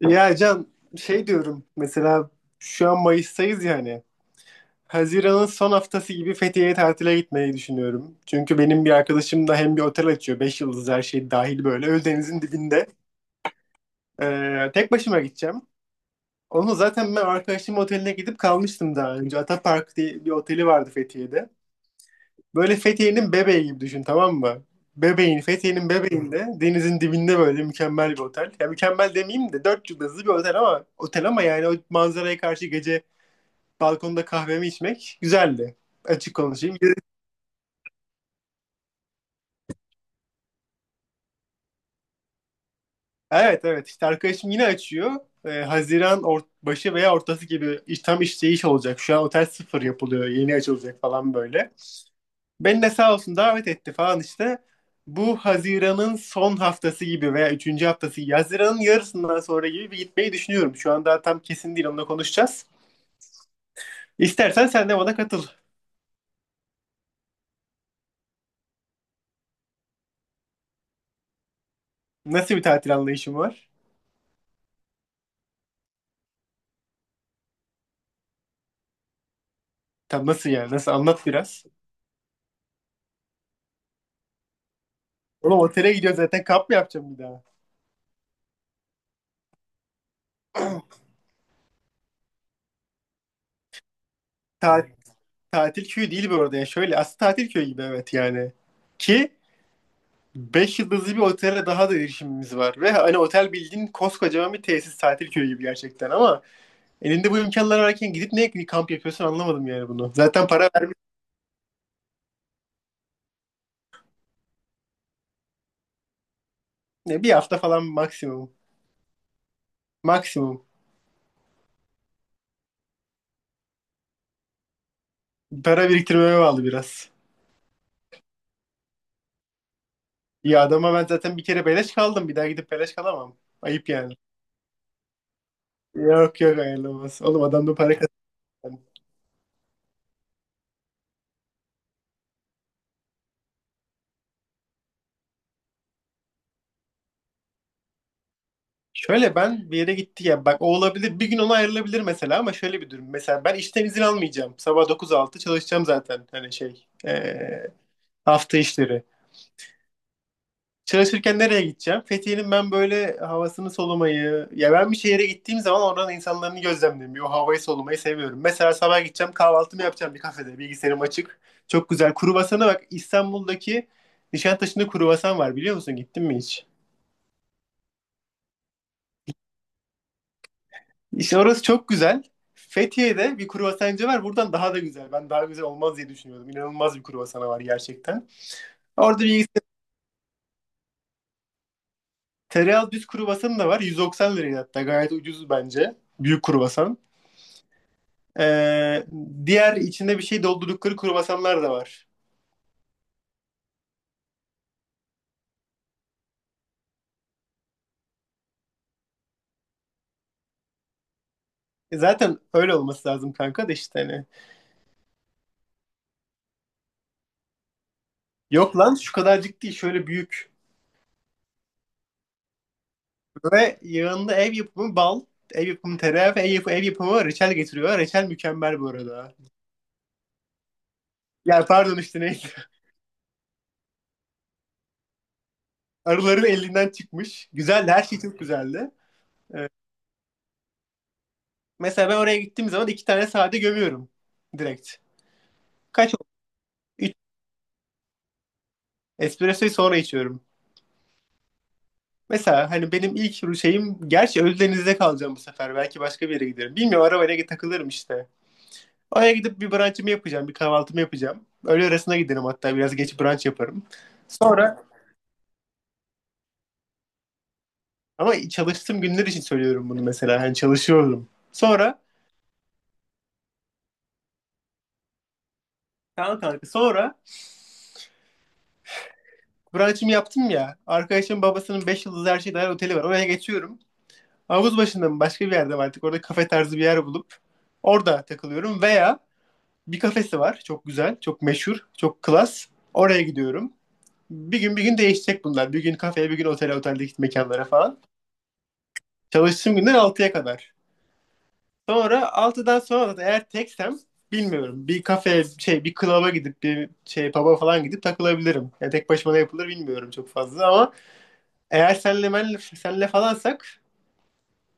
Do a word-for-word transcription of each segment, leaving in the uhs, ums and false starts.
Ya Can şey diyorum mesela şu an Mayıs'tayız yani. Haziran'ın son haftası gibi Fethiye'ye tatile gitmeyi düşünüyorum. Çünkü benim bir arkadaşım da hem bir otel açıyor. Beş yıldız her şey dahil böyle. Ölüdeniz'in dibinde. Ee, tek başıma gideceğim. Onu zaten ben arkadaşımın oteline gidip kalmıştım daha önce. Atapark diye bir oteli vardı Fethiye'de. Böyle Fethiye'nin bebeği gibi düşün, tamam mı? Bebeğin, Fethiye'nin bebeğinde denizin dibinde böyle mükemmel bir otel. Ya mükemmel demeyeyim de dört yıldızlı bir otel, ama otel ama yani o manzaraya karşı gece balkonda kahvemi içmek güzeldi. Açık konuşayım. Evet, evet, işte arkadaşım yine açıyor. Ee, Haziran or- başı veya ortası gibi iş- tam işte iş olacak. Şu an otel sıfır yapılıyor. Yeni açılacak falan böyle. Beni de sağ olsun davet etti falan işte. Bu Haziran'ın son haftası gibi veya üçüncü haftası gibi, Haziran'ın yarısından sonra gibi bir gitmeyi düşünüyorum. Şu an daha tam kesin değil, onunla konuşacağız. İstersen sen de bana katıl. Nasıl bir tatil anlayışın var? Tam nasıl yani? Nasıl? Anlat biraz. Oğlum otele gidiyoruz zaten, kamp mı yapacağım bir daha? Ta- Tatil köyü değil bu arada ya. Şöyle aslında tatil köyü gibi, evet yani. Ki beş yıldızlı bir otele daha da erişimimiz var. Ve hani otel bildiğin koskocaman bir tesis, tatil köyü gibi gerçekten ama elinde bu imkanlar varken gidip ne kamp yapıyorsun, anlamadım yani bunu. Zaten para vermişsin. Bir hafta falan maksimum. Maksimum. Para biriktirmeme bağlı biraz. Ya adama ben zaten bir kere beleş kaldım. Bir daha gidip beleş kalamam. Ayıp yani. Yok yok, ayrılamaz. Oğlum adam da para kazandı. Şöyle ben bir yere gitti ya. Bak o olabilir. Bir gün ona ayrılabilir mesela ama şöyle bir durum. Mesela ben işten izin almayacağım. Sabah dokuz altı çalışacağım zaten. Hani şey. Eee, hafta işleri. Çalışırken nereye gideceğim? Fethiye'nin ben böyle havasını solumayı, ya ben bir şehire gittiğim zaman oranın insanlarını gözlemlemeyi, o havayı solumayı seviyorum. Mesela sabah gideceğim, kahvaltımı yapacağım bir kafede, bilgisayarım açık. Çok güzel. Kruvasana bak, İstanbul'daki Nişantaşı'nda kruvasan var, biliyor musun? Gittin mi hiç? İşte orası çok güzel. Fethiye'de bir kruvasancı var. Buradan daha da güzel. Ben daha güzel olmaz diye düşünüyordum. İnanılmaz bir kruvasanı var gerçekten. Orada bir tereyağı düz kruvasanı da var. yüz doksan liraya hatta. Gayet ucuz bence. Büyük kruvasan. Ee, Diğer, içinde bir şey doldurdukları kruvasanlar da var. E zaten öyle olması lazım kanka da işte hani. Yok lan, şu kadarcık değil, şöyle büyük. Ve yanında ev yapımı bal, ev yapımı tereyağı ve ev, yap- ev yapımı reçel getiriyor. Reçel mükemmel bu arada. Ya pardon, işte neydi. Arıların elinden çıkmış. Güzeldi, her şey çok güzeldi. Mesela ben oraya gittiğim zaman iki tane sade gömüyorum. Direkt. Kaç oldu? Üç. Espressoyu sonra içiyorum. Mesela hani benim ilk şeyim, gerçi Ölüdeniz'de kalacağım bu sefer. Belki başka bir yere giderim. Bilmiyorum, arabayla takılırım işte. Oraya gidip bir brunch'ımı yapacağım, bir kahvaltımı yapacağım. Öğle arasına giderim, hatta biraz geç brunch yaparım. Sonra, ama çalıştığım günler için söylüyorum bunu mesela. Hani çalışıyorum. Sonra tamam kanka, sonra brunch'ımı yaptım ya. Arkadaşımın babasının beş yıldızlı her şey dahil oteli var. Oraya geçiyorum. Havuz başında mı başka bir yerde mi artık, orada kafe tarzı bir yer bulup orada takılıyorum veya bir kafesi var. Çok güzel. Çok meşhur. Çok klas. Oraya gidiyorum. Bir gün bir gün değişecek bunlar. Bir gün kafeye, bir gün otele, oteldeki mekanlara falan. Çalıştığım günden altıya kadar. Sonra altıdan sonra da eğer teksem bilmiyorum. Bir kafeye, şey bir klaba gidip, bir şey pub'a falan gidip takılabilirim. Yani tek başıma ne yapılır bilmiyorum çok fazla ama eğer senle ben senle falansak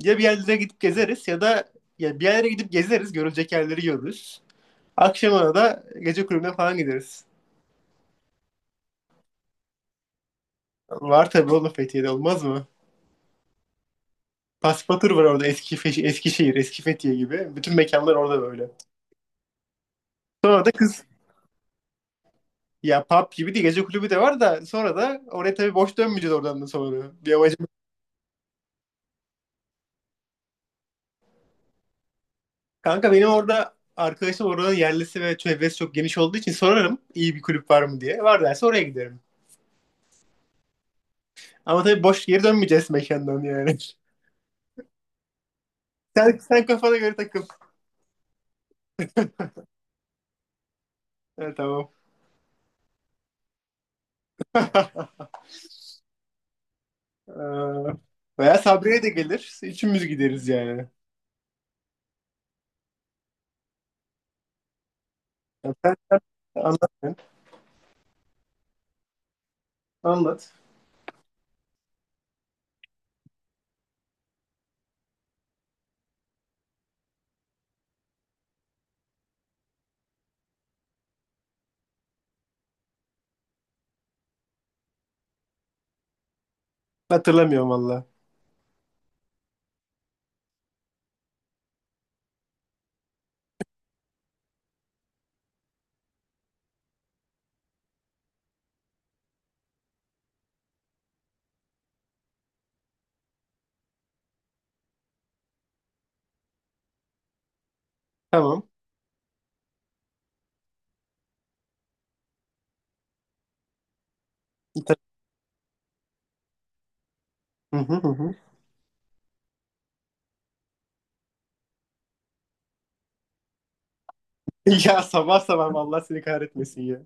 ya bir yerlere gidip gezeriz ya da ya bir yerlere gidip gezeriz, görülecek yerleri görürüz. Akşamına da gece kulübüne falan gideriz. Var tabii oğlum, Fethiye'de olmaz mı? Paspatur var orada, eski Fe- Eskişehir, eski Fethiye gibi. Bütün mekanlar orada böyle. Sonra da kız Ya pub gibi değil, gece kulübü de var da sonra da oraya tabii boş dönmeyeceğiz, oradan da sonra. Bir amacım. Kanka benim orada arkadaşım oranın yerlisi ve çevresi çok geniş olduğu için sorarım iyi bir kulüp var mı diye. Var derse oraya giderim. Ama tabii boş geri dönmeyeceğiz mekandan yani. Sen, sen kafana göre takıl. Evet, tamam. Ee, Veya Sabri'ye de gelir. Üçümüz gideriz yani. Ya Sen, sen anlat. Anlat. Hatırlamıyorum valla. Tamam. Hatır- Hı hı, hı hı. Ya sabah sabah Allah seni kahretmesin ya.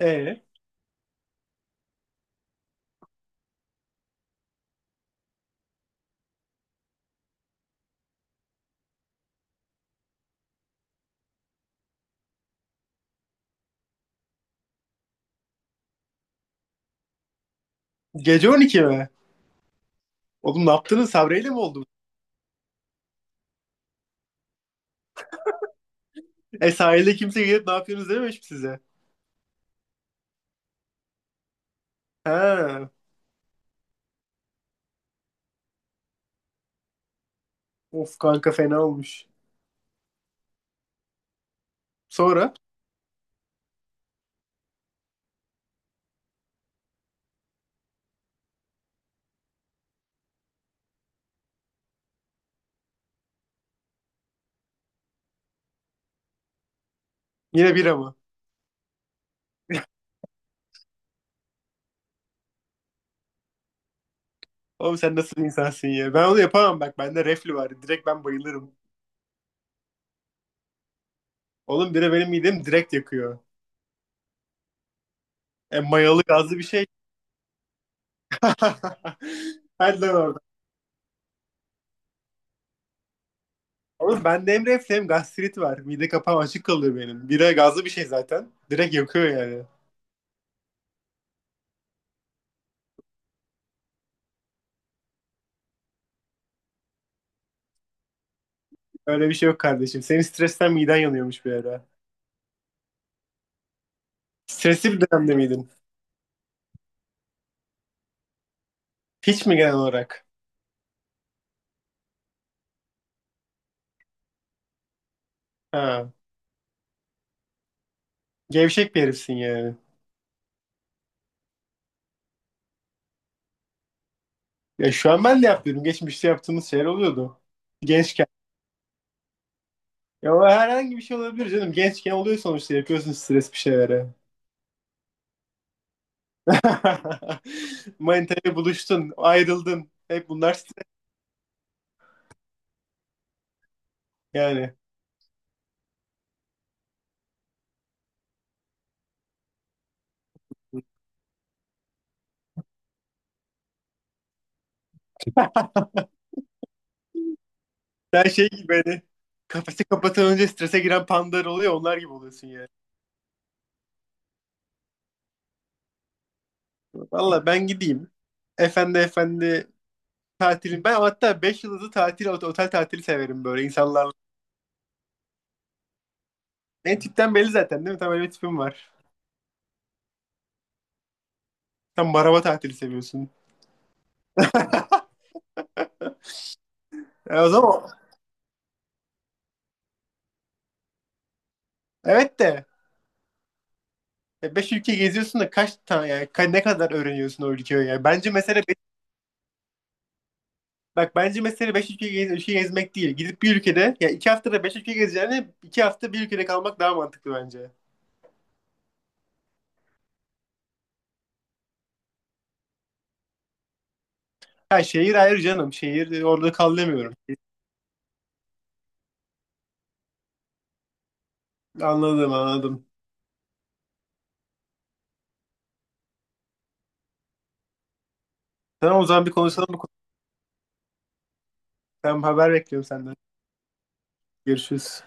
E gece on iki mi? Oğlum ne yaptınız? Sabreyle mi oldu? E sahilde kimse gelip ne yapıyorsunuz dememiş mi size? Ha. Of kanka, fena olmuş. Sonra yine bira mı? Oğlum sen nasıl bir insansın ya? Ben onu yapamam bak. Bende reflü var. Direkt ben bayılırım. Oğlum bira benim midemi direkt yakıyor. E mayalı gazlı bir şey. Hadi lan oradan. Oğlum ben de hem reflü hem gastrit var. Mide kapağım açık kalıyor benim. Bira gazlı bir şey zaten. Direkt yakıyor yani. Öyle bir şey yok kardeşim. Senin stresten miden yanıyormuş bir ara. Stresli bir dönemde miydin? Hiç mi genel olarak? Ha. Gevşek bir herifsin yani. Ya şu an ben de yapıyorum. Geçmişte yaptığımız şeyler oluyordu. Gençken. Ya o herhangi bir şey olabilir canım. Gençken oluyor sonuçta. Yapıyorsun stres bir şeylere. Manitayla buluştun. Ayrıldın. Hep bunlar stres yani. Sen şey gibi hani, kafesi kapatan önce strese giren pandalar oluyor, onlar gibi oluyorsun yani. Valla ben gideyim. Efendi efendi tatilim. Ben hatta beş yıldızlı tatil, ot- otel tatili severim böyle insanlarla. Ne tipten belli zaten, değil mi? Tam öyle bir tipim var. Tam maraba tatili seviyorsun. E, o zaman evet de, e, beş ülke geziyorsun da kaç tane yani ka- ne kadar öğreniyorsun o ülkeyi yani. Bence mesele be- bak bence mesele beş ülke, gez- ülke gezmek değil. Gidip bir ülkede, ya iki haftada beş ülke gezeceğine iki hafta bir ülkede kalmak daha mantıklı bence. Ha şehir ayrı canım. Şehir, orada kal demiyorum. Anladım, anladım. Tamam o zaman bir konuşalım bu konuyu. Ben haber bekliyorum senden. Görüşürüz.